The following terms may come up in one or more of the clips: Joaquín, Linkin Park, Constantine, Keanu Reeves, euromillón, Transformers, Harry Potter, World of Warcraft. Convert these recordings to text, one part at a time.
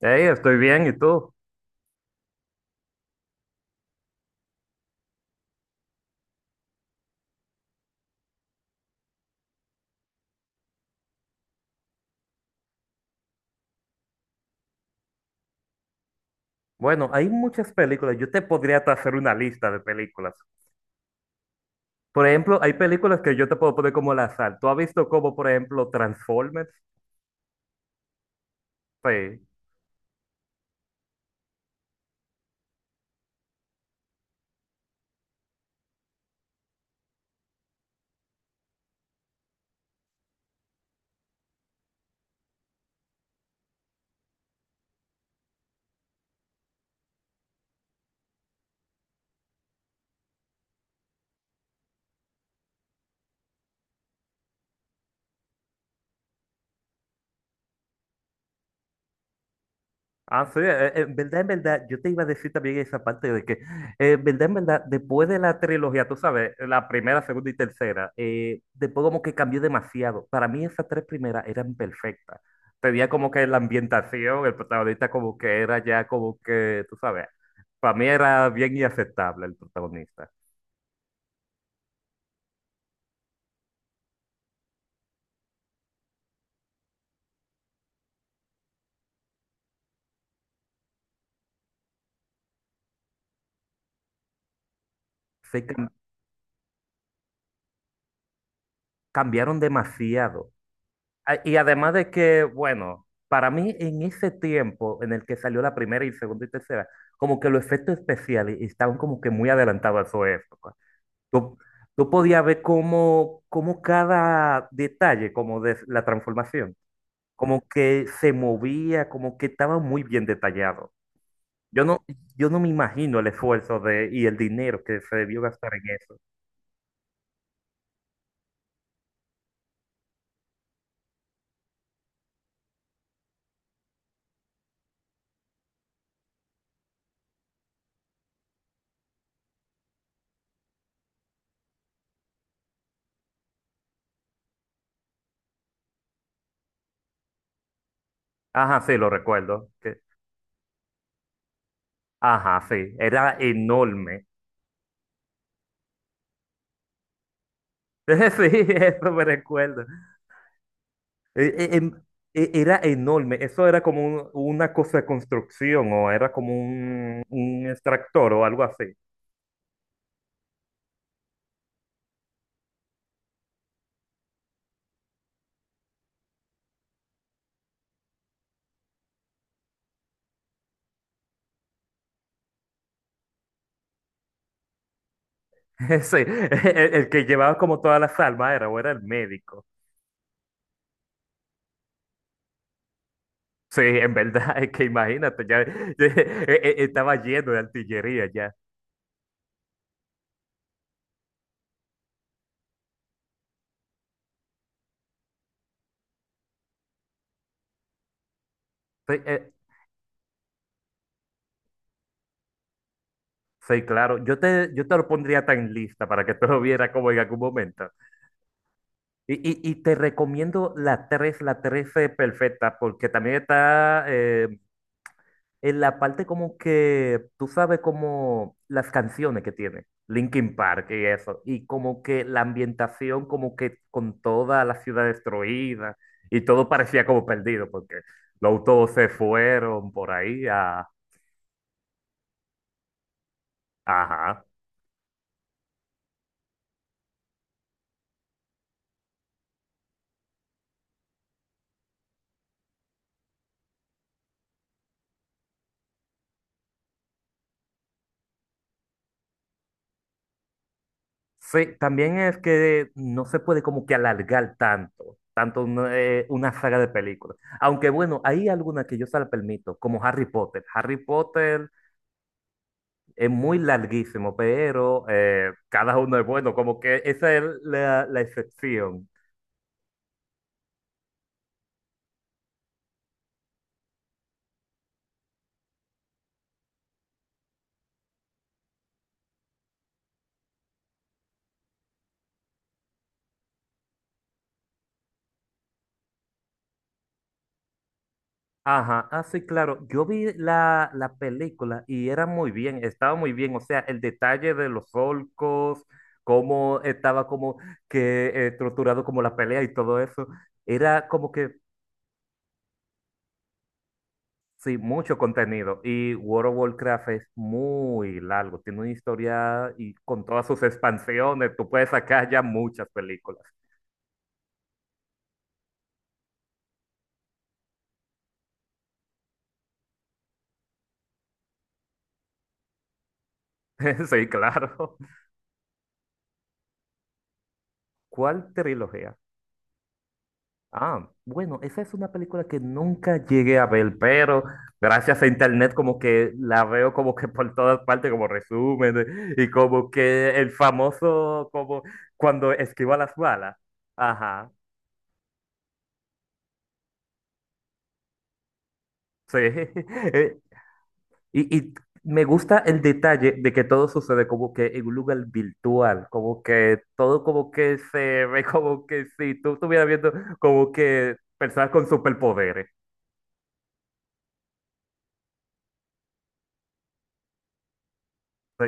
Hey, estoy bien, ¿y tú? Bueno, hay muchas películas. Yo te podría hasta hacer una lista de películas. Por ejemplo, hay películas que yo te puedo poner como al azar. ¿Tú has visto, como por ejemplo, Transformers? Sí. Ah, sí, en verdad, yo te iba a decir también esa parte de que, en verdad, después de la trilogía, tú sabes, la primera, segunda y tercera. Eh, después como que cambió demasiado. Para mí esas tres primeras eran perfectas. Tenía como que la ambientación, el protagonista como que era ya como que, tú sabes, para mí era bien inaceptable el protagonista. Se cam- Cambiaron demasiado. Y además de que, bueno, para mí en ese tiempo en el que salió la primera y segunda y tercera, como que los efectos especiales estaban como que muy adelantados a su época. Tú, tú podías ver como cada detalle, como de la transformación, como que se movía, como que estaba muy bien detallado. Yo no, yo no me imagino el esfuerzo de, y el dinero que se debió gastar en eso. Ajá, sí, lo recuerdo. Ajá, sí, era enorme. Sí, eso me recuerdo. Eh, eh, em- Era enorme, eso era como una cosa de construcción, o era como un extractor o algo así. Sí, el que llevaba como todas las almas, era o era el médico. Sí, en verdad, es que imagínate, ya, estaba lleno de artillería ya. Sí, sí, claro, yo te lo pondría tan lista para que tú lo vieras como en algún momento. Y, y te recomiendo la 3, la 13 perfecta, porque también está en la parte como que, tú sabes, como las canciones que tiene Linkin Park y eso, y como que la ambientación como que con toda la ciudad destruida, y todo parecía como perdido porque los autos se fueron por ahí a... Ajá. Sí, también es que no se puede como que alargar tanto, tanto una saga de películas. Aunque bueno, hay algunas que yo se la permito, como Harry Potter. Harry Potter es muy larguísimo, pero cada uno es bueno, como que esa es la, la excepción. Ajá, ah, sí, claro. Yo vi la, la película y era muy bien, estaba muy bien. O sea, el detalle de los solcos, cómo estaba como que estructurado, como la pelea y todo eso. Era como que, sí, mucho contenido. Y World of Warcraft es muy largo, tiene una historia, y con todas sus expansiones, tú puedes sacar ya muchas películas. Sí, claro. ¿Cuál trilogía? Ah, bueno, esa es una película que nunca llegué a ver, pero gracias a internet como que la veo como que por todas partes, como resumen, y como que el famoso, como cuando esquiva las balas. Ajá, sí. Eh, Y, y me gusta el detalle de que todo sucede como que en un lugar virtual, como que todo como que se ve como que si tú estuvieras viendo como que personas con superpoderes. Sí.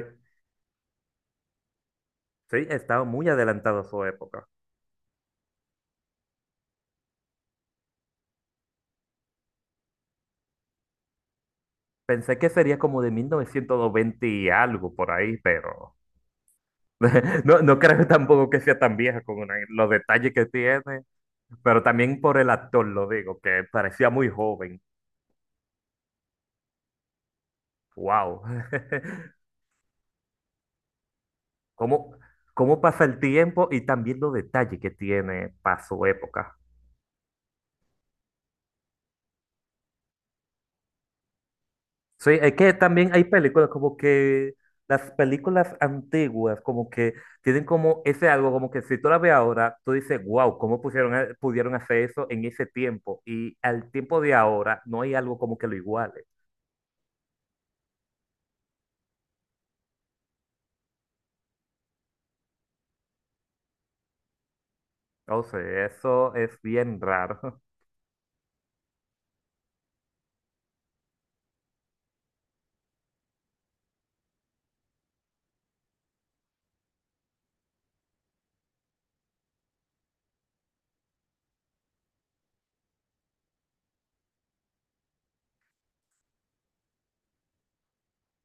Sí, estaba muy adelantado a su época. Pensé que sería como de 1920 y algo por ahí, pero no, no creo tampoco que sea tan vieja con los detalles que tiene, pero también por el actor lo digo, que parecía muy joven. ¡Wow! ¿Cómo, cómo pasa el tiempo, y también los detalles que tiene para su época? Sí, es que también hay películas como que las películas antiguas como que tienen como ese algo, como que si tú la ves ahora, tú dices, wow, ¿cómo pusieron, pudieron hacer eso en ese tiempo? Y al tiempo de ahora no hay algo como que lo iguale. O sea, eso es bien raro.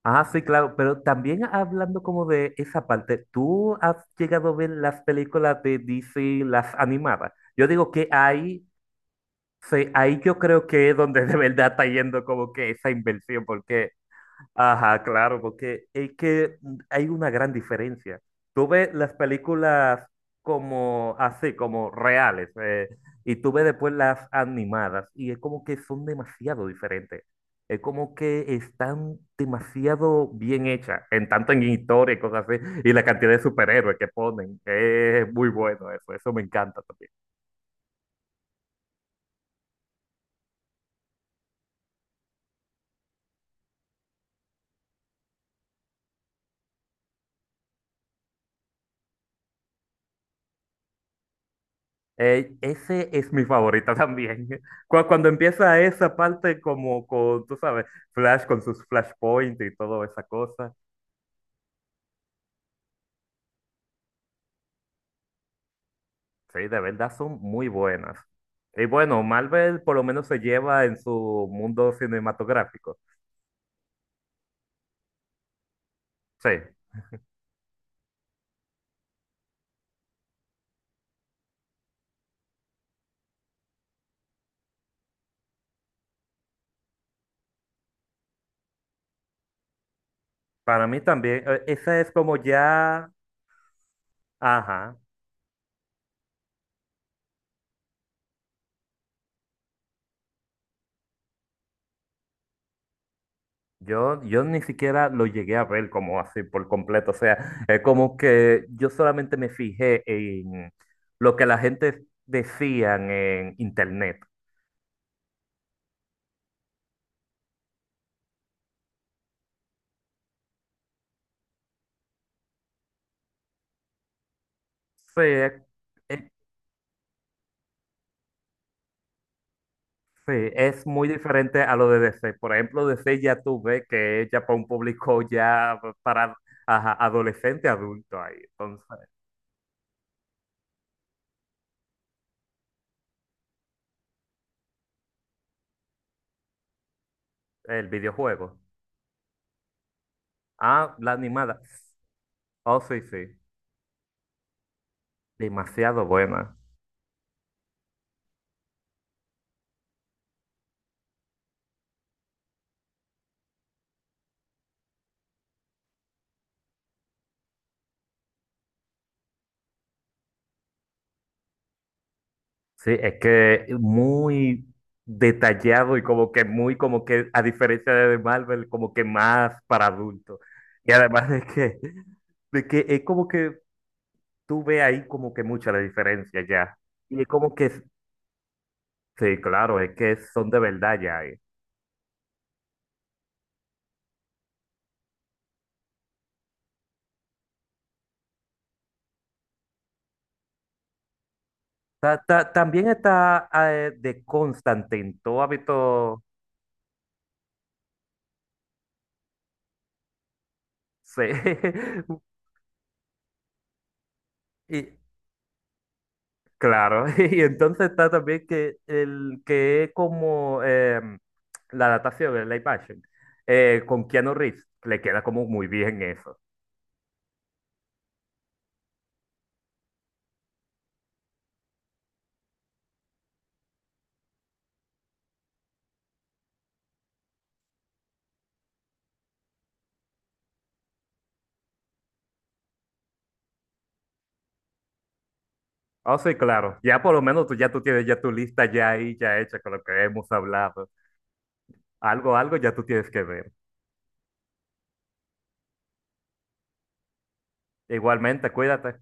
Ah, sí, claro, pero también hablando como de esa parte, ¿tú has llegado a ver las películas de DC, las animadas? Yo digo que hay, sí, ahí yo creo que es donde de verdad está yendo como que esa inversión, porque, ajá, claro, porque es que hay una gran diferencia. Tú ves las películas como así, como reales, y tú ves después las animadas, y es como que son demasiado diferentes. Es como que están demasiado bien hechas, en tanto en historia y cosas así, y la cantidad de superhéroes que ponen, es muy bueno eso me encanta también. Ey, ese es mi favorita también. Cuando empieza esa parte como con, tú sabes, Flash con sus flashpoints y toda esa cosa. Sí, de verdad son muy buenas. Y bueno, Marvel por lo menos se lleva en su mundo cinematográfico. Sí, para mí también. Esa es como ya, ajá. Yo ni siquiera lo llegué a ver como así por completo. O sea, es como que yo solamente me fijé en lo que la gente decían en internet. Sí, es, es- sí, es muy diferente a lo de DC. Por ejemplo, DC ya tuve que es ya para un público ya para, ajá, adolescente, adulto ahí. Entonces, el videojuego. Ah, la animada. Oh, sí, sí. Demasiado buena. Sí, es que muy detallado, y como que muy, como que a diferencia de Marvel, como que más para adultos. Y además de que es como que tú ves ahí como que mucha la diferencia ya. Y es como que, sí, claro, es que son de verdad ya. También está de Constantine, ¿tú has visto? Sí. Claro, y entonces está también que el que es como la adaptación de live action, con Keanu Reeves, le queda como muy bien eso. Ah, sí, claro, ya por lo menos tú ya tú tienes ya tu lista ya ahí, ya hecha con lo que hemos hablado. Algo, algo ya tú tienes que ver. Igualmente, cuídate.